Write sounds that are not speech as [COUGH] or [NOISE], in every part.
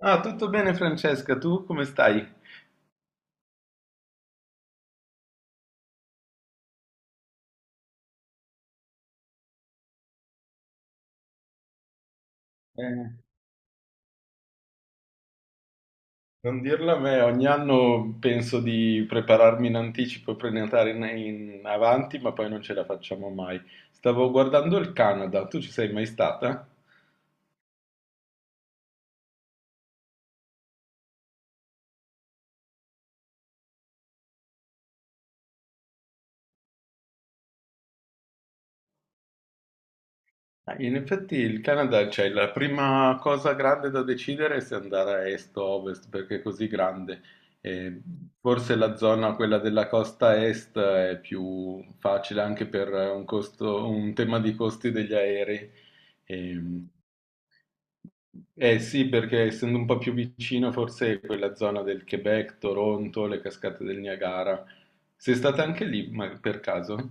Ah, tutto bene Francesca, tu come stai? Eh, Non dirlo a me, ogni anno penso di prepararmi in anticipo e prenotare in avanti, ma poi non ce la facciamo mai. Stavo guardando il Canada, tu ci sei mai stata? In effetti il Canada, cioè la prima cosa grande da decidere è se andare a est o a ovest, perché è così grande. E forse la zona, quella della costa est, è più facile anche per un un tema di costi degli aerei. Ehm, eh sì, perché essendo un po' più vicino, forse quella zona del Quebec, Toronto, le cascate del Niagara. Sei stata anche lì, ma per caso?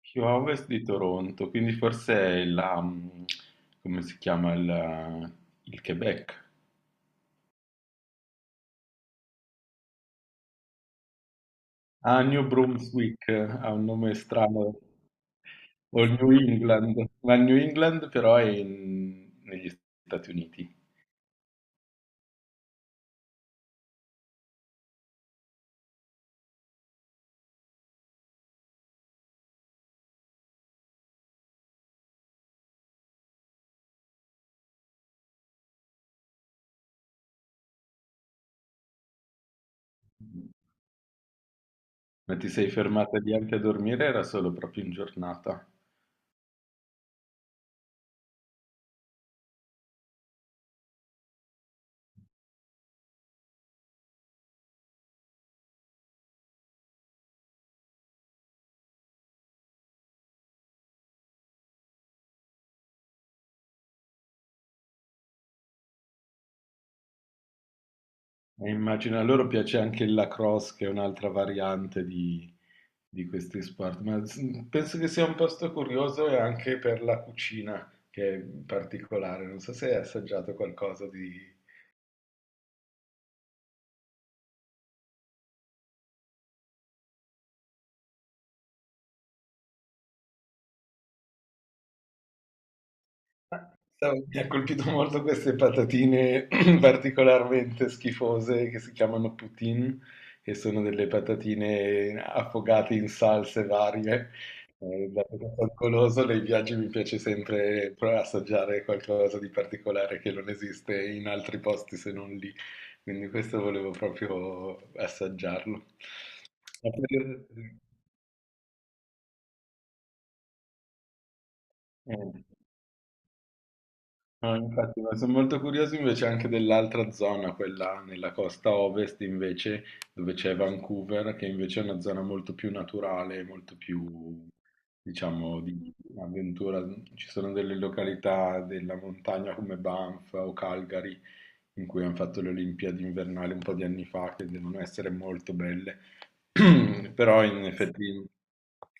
Più a ovest di Toronto, quindi forse è come si chiama il Quebec? Ah, New Brunswick, ha un nome strano, o il New England, ma il New England però è negli Stati Uniti. Ma ti sei fermata lì anche a dormire? Era solo proprio in giornata. E immagino a loro piace anche il lacrosse, che è un'altra variante di questi sport, ma penso che sia un posto curioso e anche per la cucina, che è particolare. Non so se hai assaggiato qualcosa di... Mi ha colpito molto queste patatine [CLEARS THROAT] particolarmente schifose che si chiamano poutine, che sono delle patatine affogate in salse varie. Dato che sono goloso, nei viaggi mi piace sempre provare a assaggiare qualcosa di particolare che non esiste in altri posti se non lì. Quindi questo volevo proprio assaggiarlo. Ma per- eh. No, infatti, ma sono molto curioso invece anche dell'altra zona, quella nella costa ovest invece, dove c'è Vancouver, che invece è una zona molto più naturale, molto più, diciamo, di avventura. Ci sono delle località della montagna come Banff o Calgary, in cui hanno fatto le Olimpiadi invernali un po' di anni fa, che devono essere molto belle, [CLEARS THROAT] però in effetti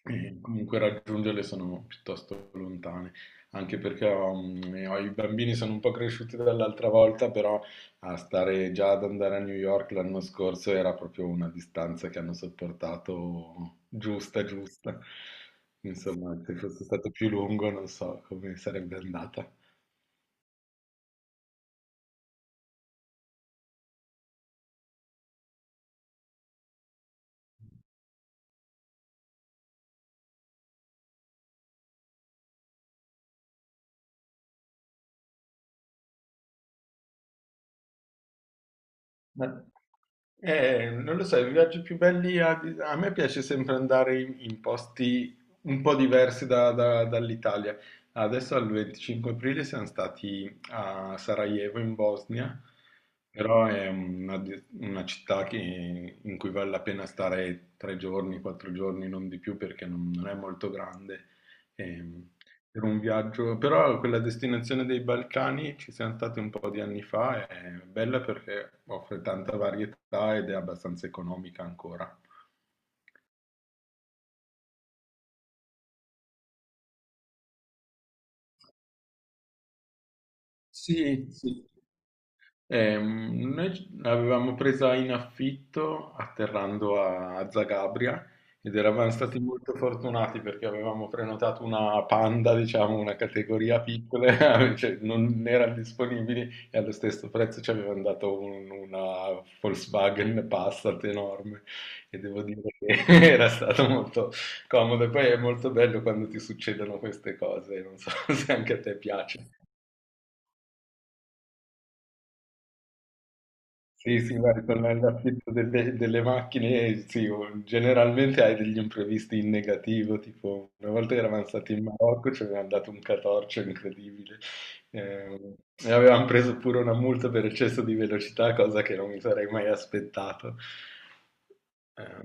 comunque raggiungerle sono piuttosto lontane anche perché i bambini sono un po' cresciuti dall'altra volta, però a stare già ad andare a New York l'anno scorso era proprio una distanza che hanno sopportato giusta, giusta. Insomma, se fosse stato più lungo non so come sarebbe andata. Ma- Non lo so, i viaggi più belli a me piace sempre andare in posti un po' diversi dall'Italia. Adesso al 25 aprile siamo stati a Sarajevo in Bosnia, però è una città in cui vale la pena stare tre giorni, quattro giorni, non di più perché non è molto grande. Ehm, per un viaggio, però quella destinazione dei Balcani ci siamo stati un po' di anni fa, è bella perché offre tanta varietà ed è abbastanza economica ancora. Sì, sì. Noi l'avevamo presa in affitto atterrando a Zagabria ed eravamo stati molto fortunati perché avevamo prenotato una panda, diciamo, una categoria piccola, [LAUGHS] cioè non erano disponibili e allo stesso prezzo ci avevano dato una Volkswagen Passat enorme e devo dire che [LAUGHS] era stato molto comodo. E poi è molto bello quando ti succedono queste cose, non so [LAUGHS] se anche a te piace. Sì, sì, vai, tornare all'affitto delle macchine, sì, generalmente hai degli imprevisti in negativo, tipo una volta eravamo stati in Marocco, ci avevano dato un catorcio incredibile eh, e avevamo preso pure una multa per eccesso di velocità, cosa che non mi sarei mai aspettato. Eh,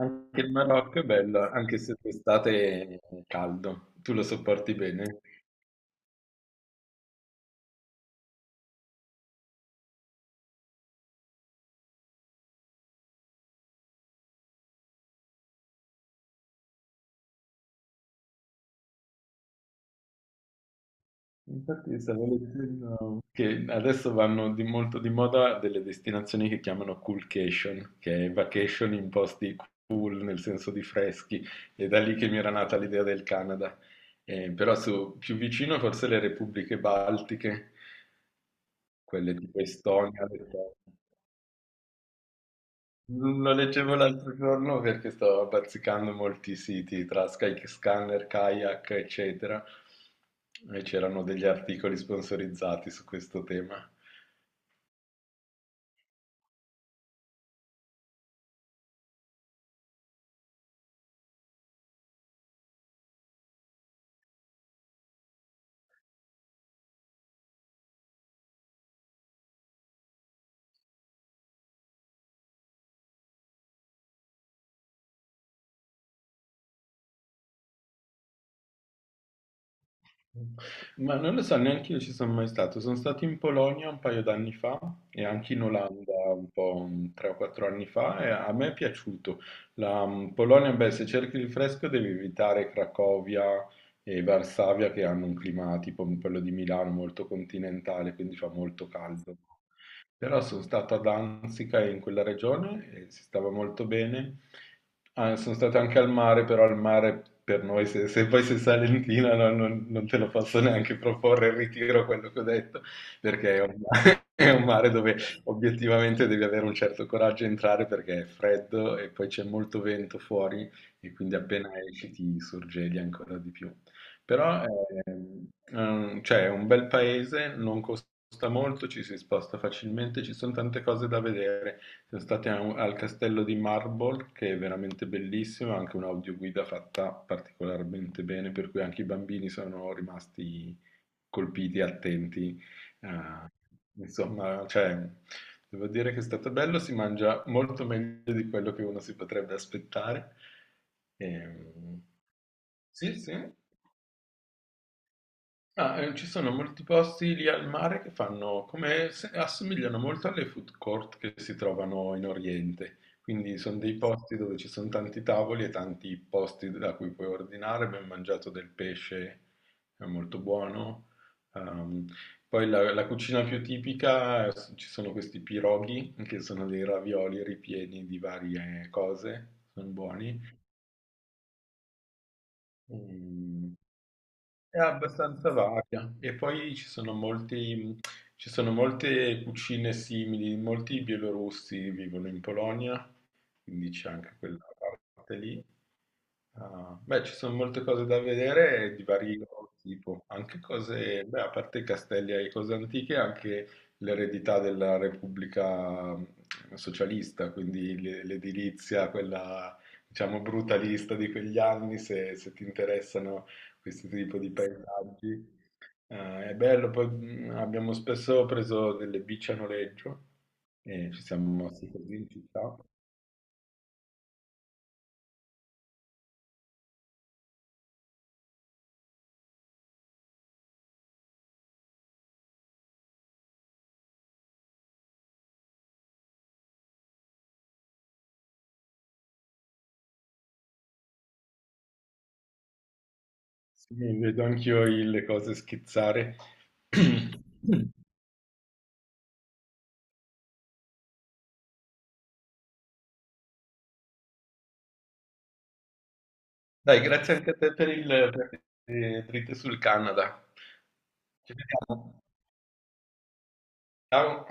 Anche il Marocco è bello, anche se d'estate è caldo, tu lo sopporti bene? Infatti stavo leggendo che adesso vanno di molto di moda delle destinazioni che chiamano coolcation, che è vacation in posti cool nel senso di freschi, è da lì che mi era nata l'idea del Canada. Però più vicino forse le repubbliche baltiche, quelle tipo Estonia, Lettonia. Lo leggevo l'altro giorno perché stavo bazzicando molti siti tra Skyscanner, Kayak, eccetera, e c'erano degli articoli sponsorizzati su questo tema. Ma non lo so, neanche io ci sono mai stato. Sono stato in Polonia un paio d'anni fa e anche in Olanda un po' tre o quattro anni fa e a me è piaciuto. Polonia, beh, se cerchi il fresco devi evitare Cracovia e Varsavia che hanno un clima tipo quello di Milano molto continentale, quindi fa molto caldo. Però sono stato a Danzica in quella regione e si stava molto bene. Ah, sono stato anche al mare, però al mare per noi, se poi sei salentina, no, non te lo posso neanche proporre, ritiro quello che ho detto, perché è un mare, [LAUGHS] è un mare dove obiettivamente devi avere un certo coraggio a entrare perché è freddo e poi c'è molto vento fuori e quindi appena esci ti sorgeli ancora di più. Però cioè, è un bel paese, non costa molto, ci si sposta facilmente, ci sono tante cose da vedere. Siamo stati a al castello di Marble, che è veramente bellissimo, anche un'audioguida fatta particolarmente bene, per cui anche i bambini sono rimasti colpiti, attenti. eh, insomma, cioè, devo dire che è stato bello, si mangia molto meglio di quello che uno si potrebbe aspettare. Ehm, sì, sì. Ah, ci sono molti posti lì al mare che fanno come assomigliano molto alle food court che si trovano in Oriente. Quindi sono dei posti dove ci sono tanti tavoli e tanti posti da cui puoi ordinare. Ben mangiato del pesce, è molto buono. Ehm, poi la cucina più tipica, ci sono questi piroghi, che sono dei ravioli ripieni di varie cose, sono buoni. Mm, è abbastanza varia e poi ci sono molte cucine simili, molti bielorussi vivono in Polonia quindi c'è anche quella parte lì. Ah, beh, ci sono molte cose da vedere di vario tipo, anche cose, beh, a parte i castelli e cose antiche, anche l'eredità della Repubblica socialista, quindi l'edilizia, quella diciamo brutalista di quegli anni, se ti interessano questo tipo di paesaggi. È bello, poi abbiamo spesso preso delle bici a noleggio e ci siamo mossi così in città. Sì, vedo anch'io le cose schizzare. [CLEARS THROAT] Dai, grazie anche a te per per le dritte sul Canada. Ci vediamo. Ciao.